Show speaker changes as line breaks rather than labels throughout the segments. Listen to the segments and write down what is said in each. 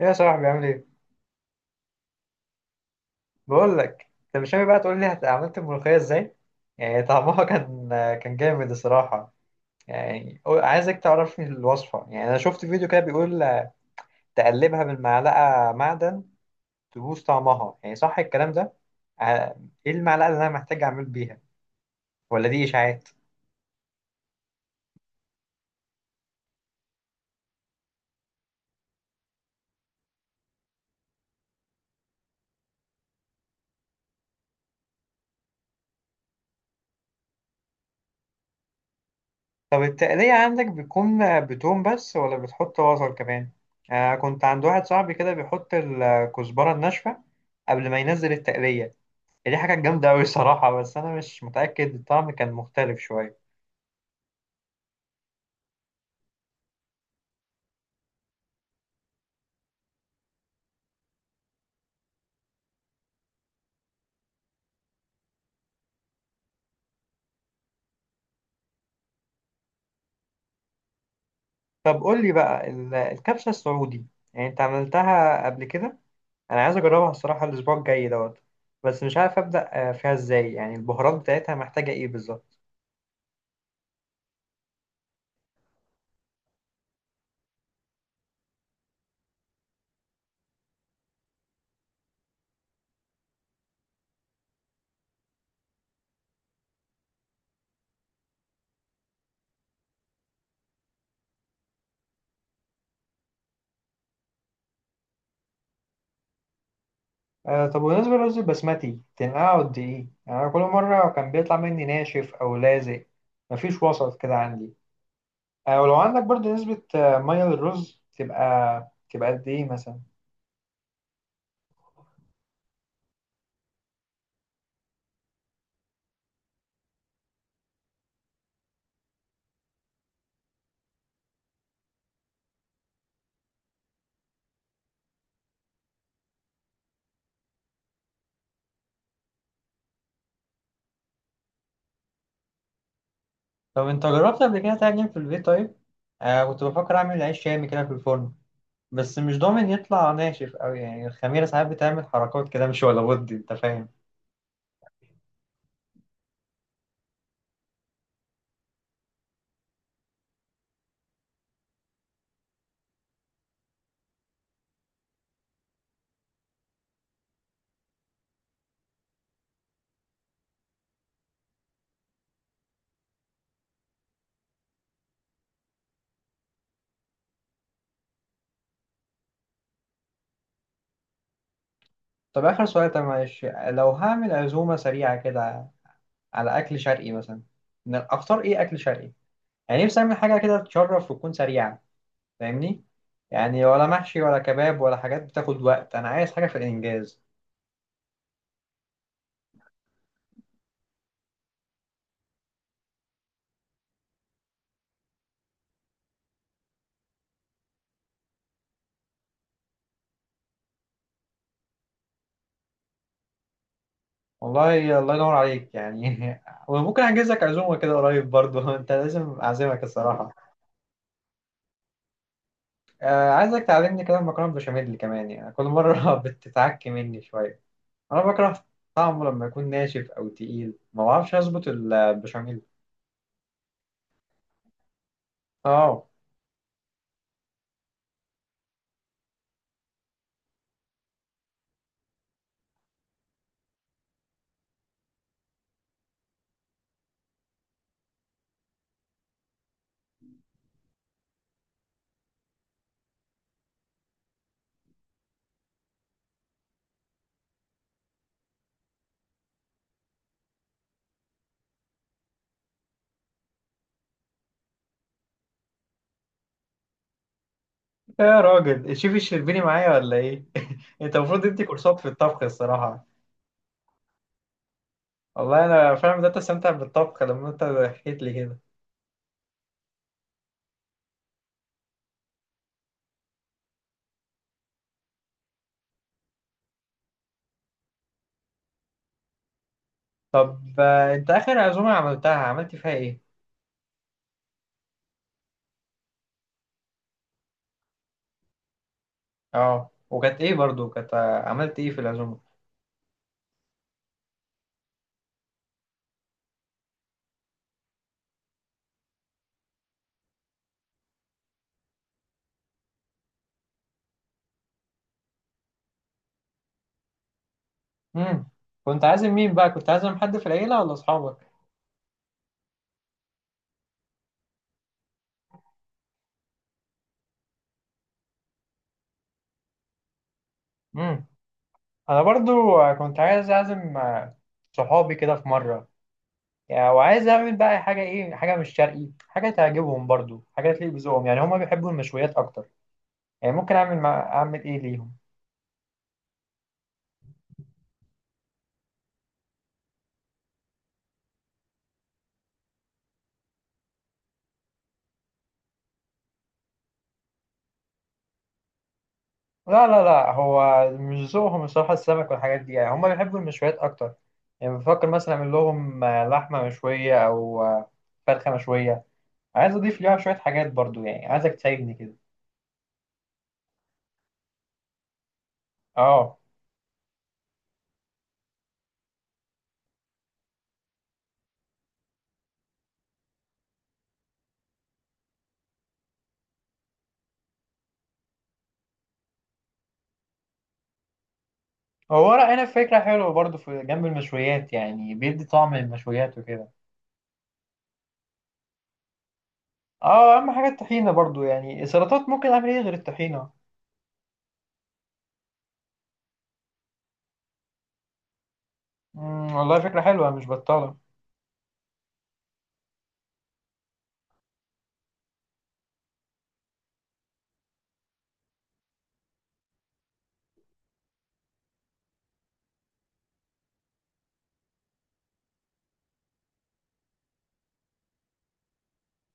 يا صاحبي عامل ايه؟ بقول لك، انت مش ناوي بقى تقول لي عملت الملوخية ازاي؟ يعني طعمها كان جامد الصراحة. يعني عايزك تعرفني الوصفة، يعني انا شفت فيديو كده بيقول تقلبها بالمعلقة معدن تبوظ طعمها، يعني صح الكلام ده؟ ع- ايه المعلقة اللي انا محتاج اعمل بيها؟ ولا دي اشاعات؟ طب التقلية عندك بتكون بتوم بس ولا بتحط بصل كمان؟ آه، كنت عند واحد صاحبي كده بيحط الكزبرة الناشفة قبل ما ينزل التقلية، دي حاجة جامدة أوي الصراحة، بس أنا مش متأكد، الطعم كان مختلف شوية. طب قول لي بقى الكبسة السعودي، يعني أنت عملتها قبل كده، أنا عايز أجربها الصراحة الأسبوع الجاي دوت. بس مش عارف أبدأ فيها إزاي، يعني البهارات بتاعتها محتاجة إيه بالظبط؟ آه، طب بالنسبة للرز البسمتي تنقعه قد إيه؟ يعني أنا كل مرة كان بيطلع مني ناشف أو لازق، مفيش وسط كده عندي. آه، ولو عندك برضه نسبة مية للرز تبقى قد إيه مثلا؟ طب انت جربت قبل كده تعجن في البيت طيب؟ آه، كنت بفكر اعمل عيش شامي كده في الفرن، بس مش ضامن يطلع ناشف قوي، يعني الخميرة ساعات بتعمل حركات كده مش ولا بد، انت فاهم. طب اخر سؤال، طب معلش لو هعمل عزومة سريعة كده على اكل شرقي مثلا، اختار ايه اكل شرقي؟ يعني نفسي اعمل حاجة كده تشرف وتكون سريعة، فاهمني؟ يعني ولا محشي ولا كباب ولا حاجات بتاخد وقت، انا عايز حاجة في الانجاز. والله الله ينور عليك يعني وممكن احجز لك عزومه كده قريب برضه انت لازم اعزمك الصراحه. آه، عايزك تعلمني كده المكرونه بالبشاميل كمان، يعني كل مره بتتعك مني شويه، انا بكره طعمه لما يكون ناشف او تقيل، ما بعرفش اظبط البشاميل. اه، يا راجل، الشيف الشربيني معايا ولا ايه؟ انت المفروض تدي كورسات في الطبخ الصراحه. والله انا فعلا بدات استمتع بالطبخ لما انت حكيت لي كده. طب انت اخر عزومه عملتها عملت فيها ايه؟ اه، وكانت ايه برضو، كانت عملت ايه في العزومه؟ امم كنت عازم مين بقى، كنت عازم حد في العيله ولا اصحابك؟ امم انا برضو كنت عايز اعزم صحابي كده في مره، يعني وعايز اعمل بقى حاجه، ايه حاجه مش شرقي، حاجه تعجبهم برضو، حاجه تليق بذوقهم، يعني هما بيحبوا المشويات اكتر، يعني ممكن اعمل اعمل ايه ليهم؟ لا، لا، لا، هو مش ذوقهم الصراحه، السمك والحاجات دي، يعني هما بيحبوا المشويات اكتر، يعني بفكر مثلا اعمل لهم لحمه مشويه او فرخه مشويه، عايز اضيف ليها شويه حاجات برضو، يعني عايزك تساعدني كده. اه، هو ورق عنب فكره حلوه برضو في جنب المشويات، يعني بيدي طعم المشويات وكده. اه، اهم حاجه الطحينه برضو، يعني السلطات ممكن اعمل ايه غير الطحينه؟ والله فكره حلوه مش بطاله.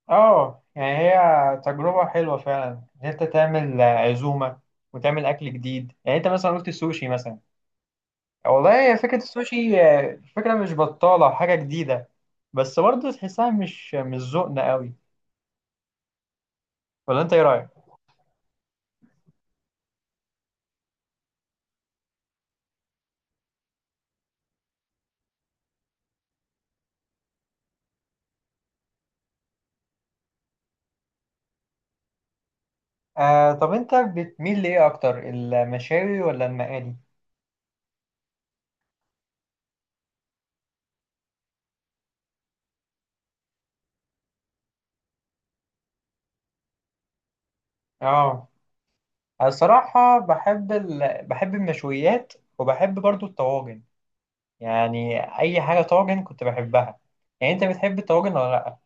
اه، يعني هي تجربه حلوه فعلا ان انت تعمل عزومه وتعمل اكل جديد، يعني انت مثلا قلت السوشي مثلا، والله فكره السوشي فكره مش بطاله حاجه جديده، بس برضو تحسها مش ذوقنا قوي، ولا انت ايه رايك؟ آه، طب انت بتميل لايه اكتر، المشاوي ولا المقالي؟ اه، الصراحه بحب المشويات وبحب برضو الطواجن، يعني اي حاجه طاجن كنت بحبها، يعني انت بتحب الطواجن ولا لا؟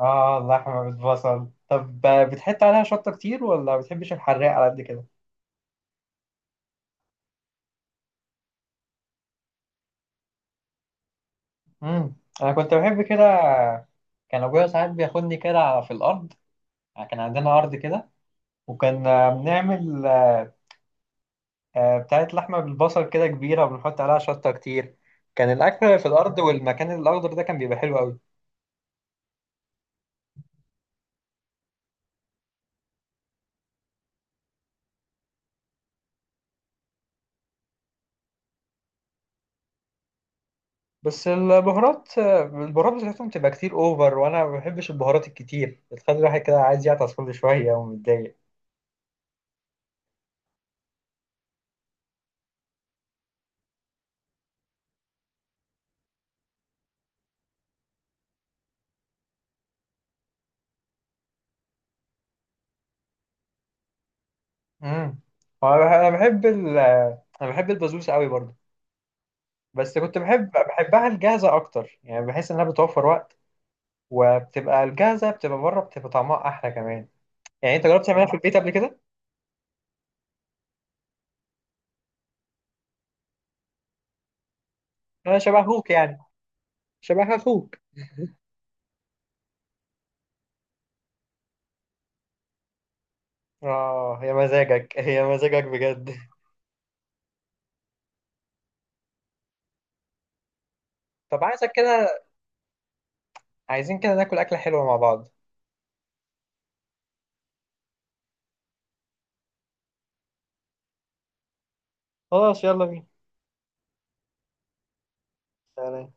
اه، اللحمه بالبصل، طب بتحط عليها شطه كتير ولا بتحبش الحراق على قد كده؟ امم انا كنت بحب كده، كان ابويا ساعات بياخدني كده في الارض، كان عندنا ارض كده، وكان بنعمل بتاعت لحمة بالبصل كده كبيرة وبنحط عليها شطة كتير، كان الأكل في الأرض والمكان الأخضر ده كان بيبقى حلو أوي. بس البهارات البهارات بتاعتهم تبقى كتير أوفر، وأنا ما بحبش البهارات الكتير، بتخلي الواحد كده عايز يعطس كل شوية ومتضايق. امم هو أنا بح- أنا بحب ال آه، أنا بحب البسبوسة أوي برضه، بس كنت بحبها الجاهزة أكتر، يعني بحس إنها بتوفر وقت، وبتبقى الجاهزة بتبقى بره بتبقى طعمها أحلى كمان، يعني أنت جربت تعملها في البيت قبل كده؟ أنا شبه أخوك، يعني شبه أخوك. اه، هي مزاجك، هي مزاجك بجد طب عايزك كده، عايزين كده ناكل أكلة حلوة مع بعض. خلاص، يلا بينا. سلام.